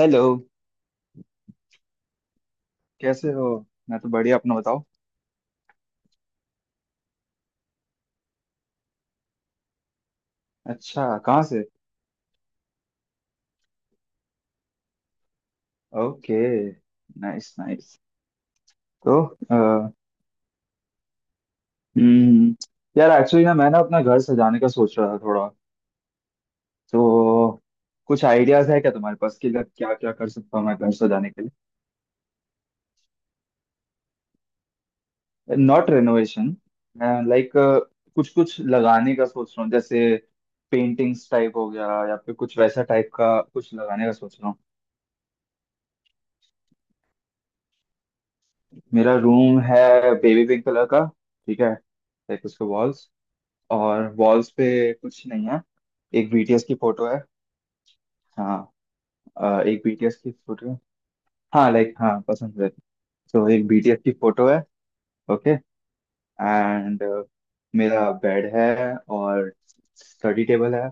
Hello. कैसे हो? मैं तो बढ़िया, अपना बताओ। अच्छा, कहाँ से? ओके। Nice nice. तो अ, हम्म, यार एक्चुअली ना मैं ना अपना घर सजाने का सोच रहा था थोड़ा। तो कुछ आइडियाज है क्या तुम्हारे पास कि क्या क्या कर सकता हूँ मैं घर सजाने के लिए? Not renovation. लाइक कुछ कुछ लगाने का सोच रहा हूँ जैसे पेंटिंग्स टाइप हो गया या फिर कुछ वैसा टाइप का कुछ लगाने का सोच रहा हूँ। मेरा रूम है बेबी पिंक कलर का। ठीक है, लाइक उसके वॉल्स। और वॉल्स पे कुछ नहीं है। एक बीटीएस की फोटो है। हाँ। एक बीटीएस की फोटो है। हाँ लाइक हाँ पसंद है। तो एक बीटीएस की फोटो है। ओके। एंड मेरा बेड है, और स्टडी टेबल है,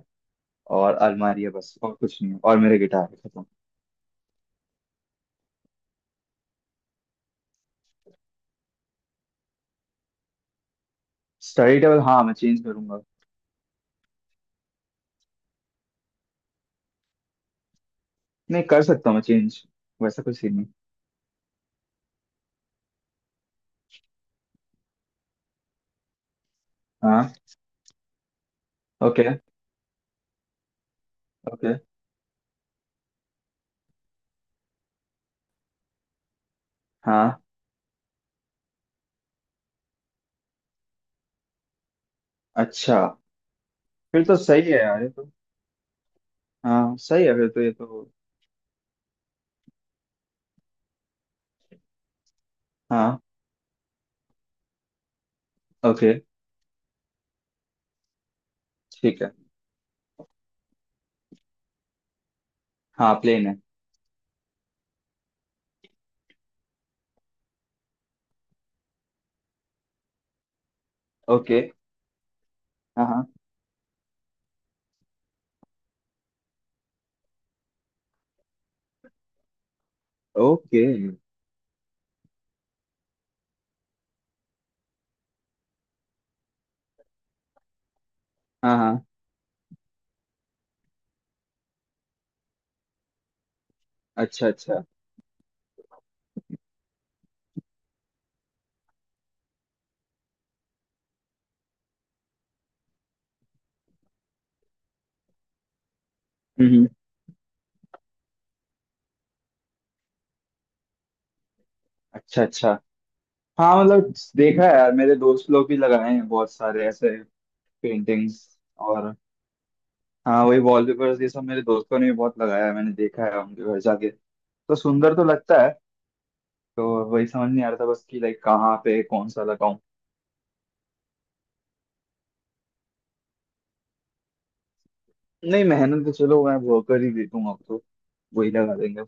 और अलमारी है, बस और कुछ नहीं है और मेरे गिटार है, खत्म। स्टडी टेबल हाँ मैं चेंज करूंगा। नहीं कर सकता हूँ मैं चेंज। वैसा कुछ सीन नहीं। हाँ। ओके। ओके। हाँ। अच्छा। फिर तो सही है यार ये तो। हाँ सही है फिर तो ये तो। हाँ। ओके। ठीक है। हाँ प्लेन है। ओके। हाँ हाँ। ओके। हाँ हाँ। अच्छा अच्छा। हम्म हम्म, अच्छा अच्छा। हाँ मतलब देखा है यार, मेरे दोस्त लोग भी लगाए हैं बहुत सारे ऐसे। पेंटिंग्स, और हाँ वही वॉलपेपर्स, ये सब मेरे दोस्तों ने भी बहुत लगाया है, मैंने देखा है उनके घर जाके। तो सुंदर तो लगता है। तो वही समझ नहीं आ रहा था बस कि लाइक कहाँ पे कौन सा लगाऊं। नहीं मेहनत तो चलो मैं वो कर ही देता अब तो। वही लगा देंगे।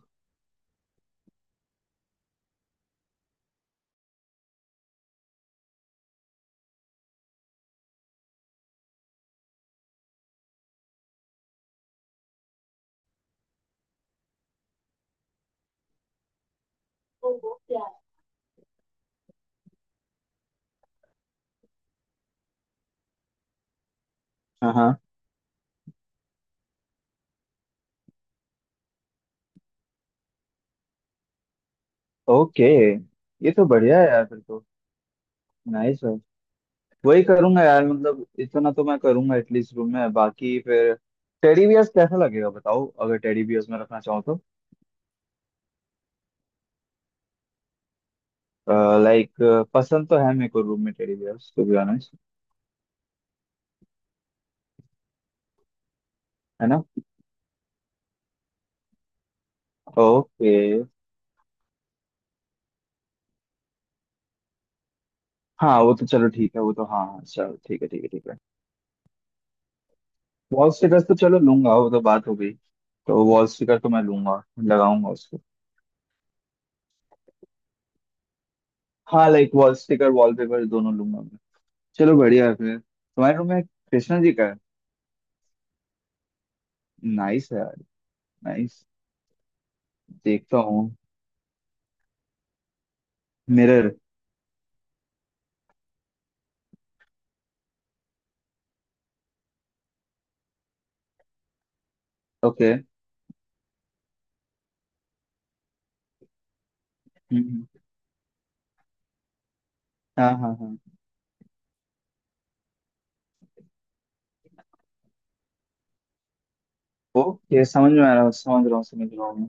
हाँ हाँ। ओके। ये तो बढ़िया है यार फिर तो। नाइस। वही करूंगा यार, मतलब इतना तो मैं करूंगा एटलीस्ट रूम में, बाकी फिर। टेडी बियर्स कैसा लगेगा बताओ, अगर टेडी बियर्स में रखना चाहो तो। लाइक पसंद तो है मेरे को रूम में teddy bears to be honest. है ना? ओके। हाँ वो तो चलो ठीक है, वो तो हाँ हाँ चलो ठीक है ठीक है ठीक है। वॉल स्टिकर्स तो चलो लूंगा वो तो, बात हो गई। तो वॉल स्टिकर तो मैं लूंगा। लगाऊंगा उसको। हाँ लाइक वॉल स्टिकर वॉलपेपर दोनों लूंगा मैं। चलो बढ़िया है, फिर तुम्हारे रूम में कृष्णा जी का है। नाइस है यार। नाइस। देखता हूँ। मिरर। ओके। हम्म, हाँ हाँ हाँ। ओके समझ में आ रहा हूँ, समझ रहा हूँ समझ रहा हूँ मैं।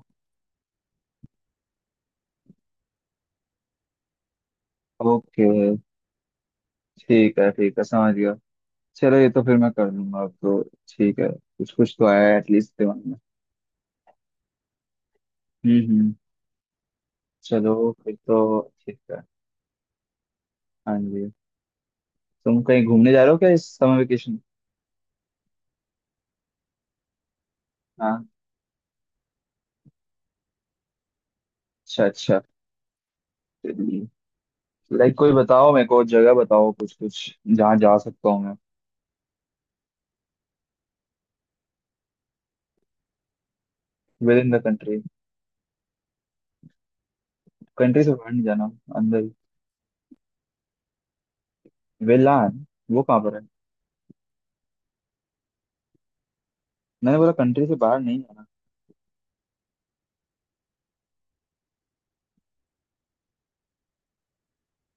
ओके ठीक है ठीक है, समझ गया। चलो ये तो फिर मैं कर लूंगा अब तो। ठीक है, कुछ कुछ तो आया एटलीस्ट दिमाग में। हम्म। चलो फिर तो ठीक है। हाँ जी। तुम कहीं घूमने जा रहे हो क्या इस समर वेकेशन? हाँ। अच्छा अच्छा। लाइक कोई बताओ मेरे को, जगह बताओ कुछ कुछ जहाँ जा सकता हूँ मैं। Within the country. Country से बाहर नहीं जाना। अंदर। वेलान। वो कहाँ पर है? मैंने बोला कंट्री से बाहर नहीं जाना।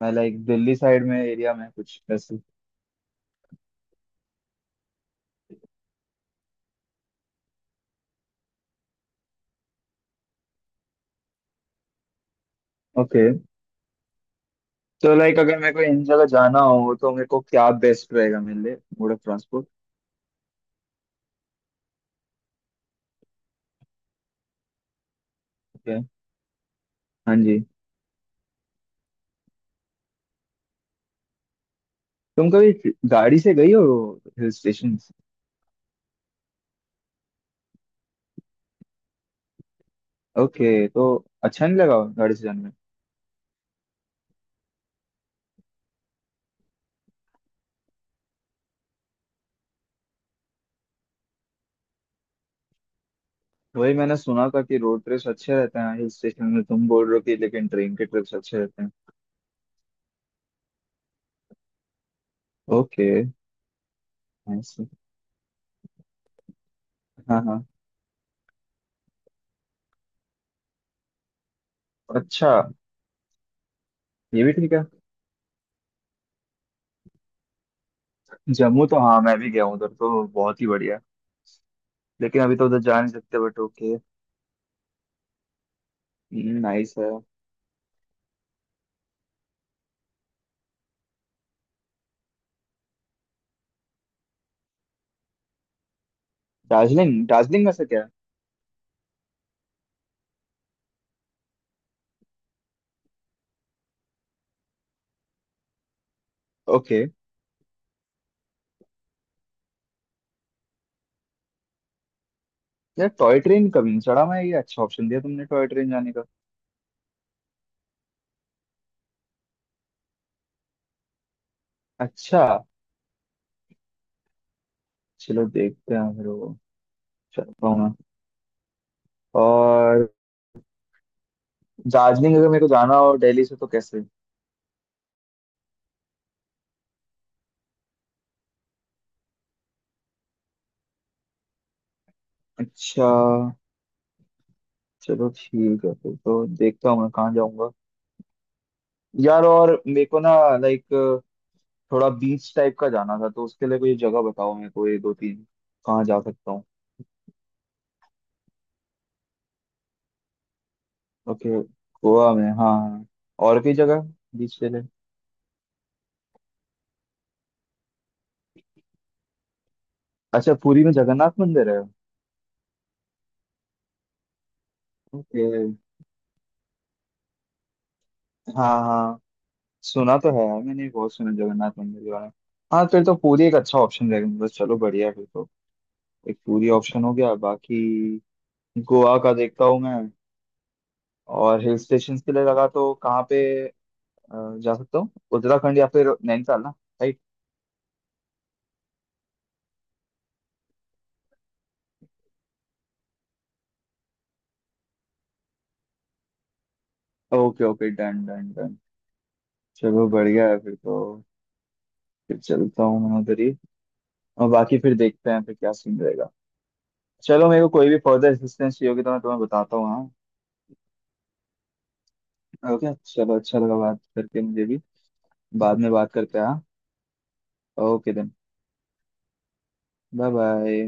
मैं लाइक दिल्ली साइड में, एरिया में कुछ ऐसे। ओके तो। लाइक अगर मेरे को इन जगह जाना हो तो मेरे को क्या बेस्ट रहेगा मेरे लिए? Mode of transport? ओके। हाँ जी। तुम कभी गाड़ी से गई हो? Hill station? ओके तो। अच्छा नहीं लगा गाड़ी से जाने में? वही मैंने सुना था कि रोड ट्रिप्स अच्छे रहते हैं हिल स्टेशन में, तुम बोल रहे हो कि लेकिन ट्रेन के ट्रिप्स अच्छे रहते हैं। ओके। नाइस। हाँ हाँ। अच्छा। ये भी ठीक है। जम्मू तो हाँ मैं भी गया हूँ उधर, तो बहुत ही बढ़िया है। लेकिन अभी तो उधर जा नहीं सकते, बट ओके। नाइस है। दार्जिलिंग? दार्जिलिंग में से क्या? ओके। यार टॉय ट्रेन कभी नहीं चढ़ा मैं, ये अच्छा ऑप्शन दिया तुमने टॉय ट्रेन जाने का। अच्छा। चलो देखते हैं फिर वो। चल पाऊंगा। और दार्जिलिंग अगर मेरे को जाना हो दिल्ली से तो कैसे? अच्छा। चलो ठीक है फिर तो, देखता हूँ मैं कहाँ जाऊंगा। यार और मेरे को ना लाइक थोड़ा बीच टाइप का जाना था, तो उसके लिए कोई जगह बताओ मेरे को ये दो तीन। कहाँ जा सकता हूँ? ओके। गोवा में, हाँ हाँ। और कोई जगह? बीच के लिए। अच्छा, पुरी में जगन्नाथ मंदिर है। ओके। हाँ हाँ। सुना तो है यार, मैंने बहुत सुना जगन्नाथ मंदिर के बारे में। हाँ फिर तो पूरी एक अच्छा ऑप्शन रहेगा, मतलब चलो बढ़िया है, फिर तो। एक पूरी ऑप्शन हो गया, बाकी गोवा का देखता हूँ मैं। और हिल स्टेशन के लिए लगा तो कहाँ पे? जा सकता हूँ उत्तराखंड या फिर नैनीताल ना। Right. Okay okay, done done done. चलो बढ़िया है फिर तो। फिर चलता हूँ मैं उधर ही। और बाकी फिर देखते हैं फिर क्या सीन रहेगा। चलो मेरे को कोई भी फर्दर असिस्टेंस चाहिए होगी तो मैं तुम्हें बताता हूँ। हाँ ओके चलो, अच्छा लगा बात करके मुझे भी। बाद में बात करते हैं, हाँ, ओके देन। Bye bye.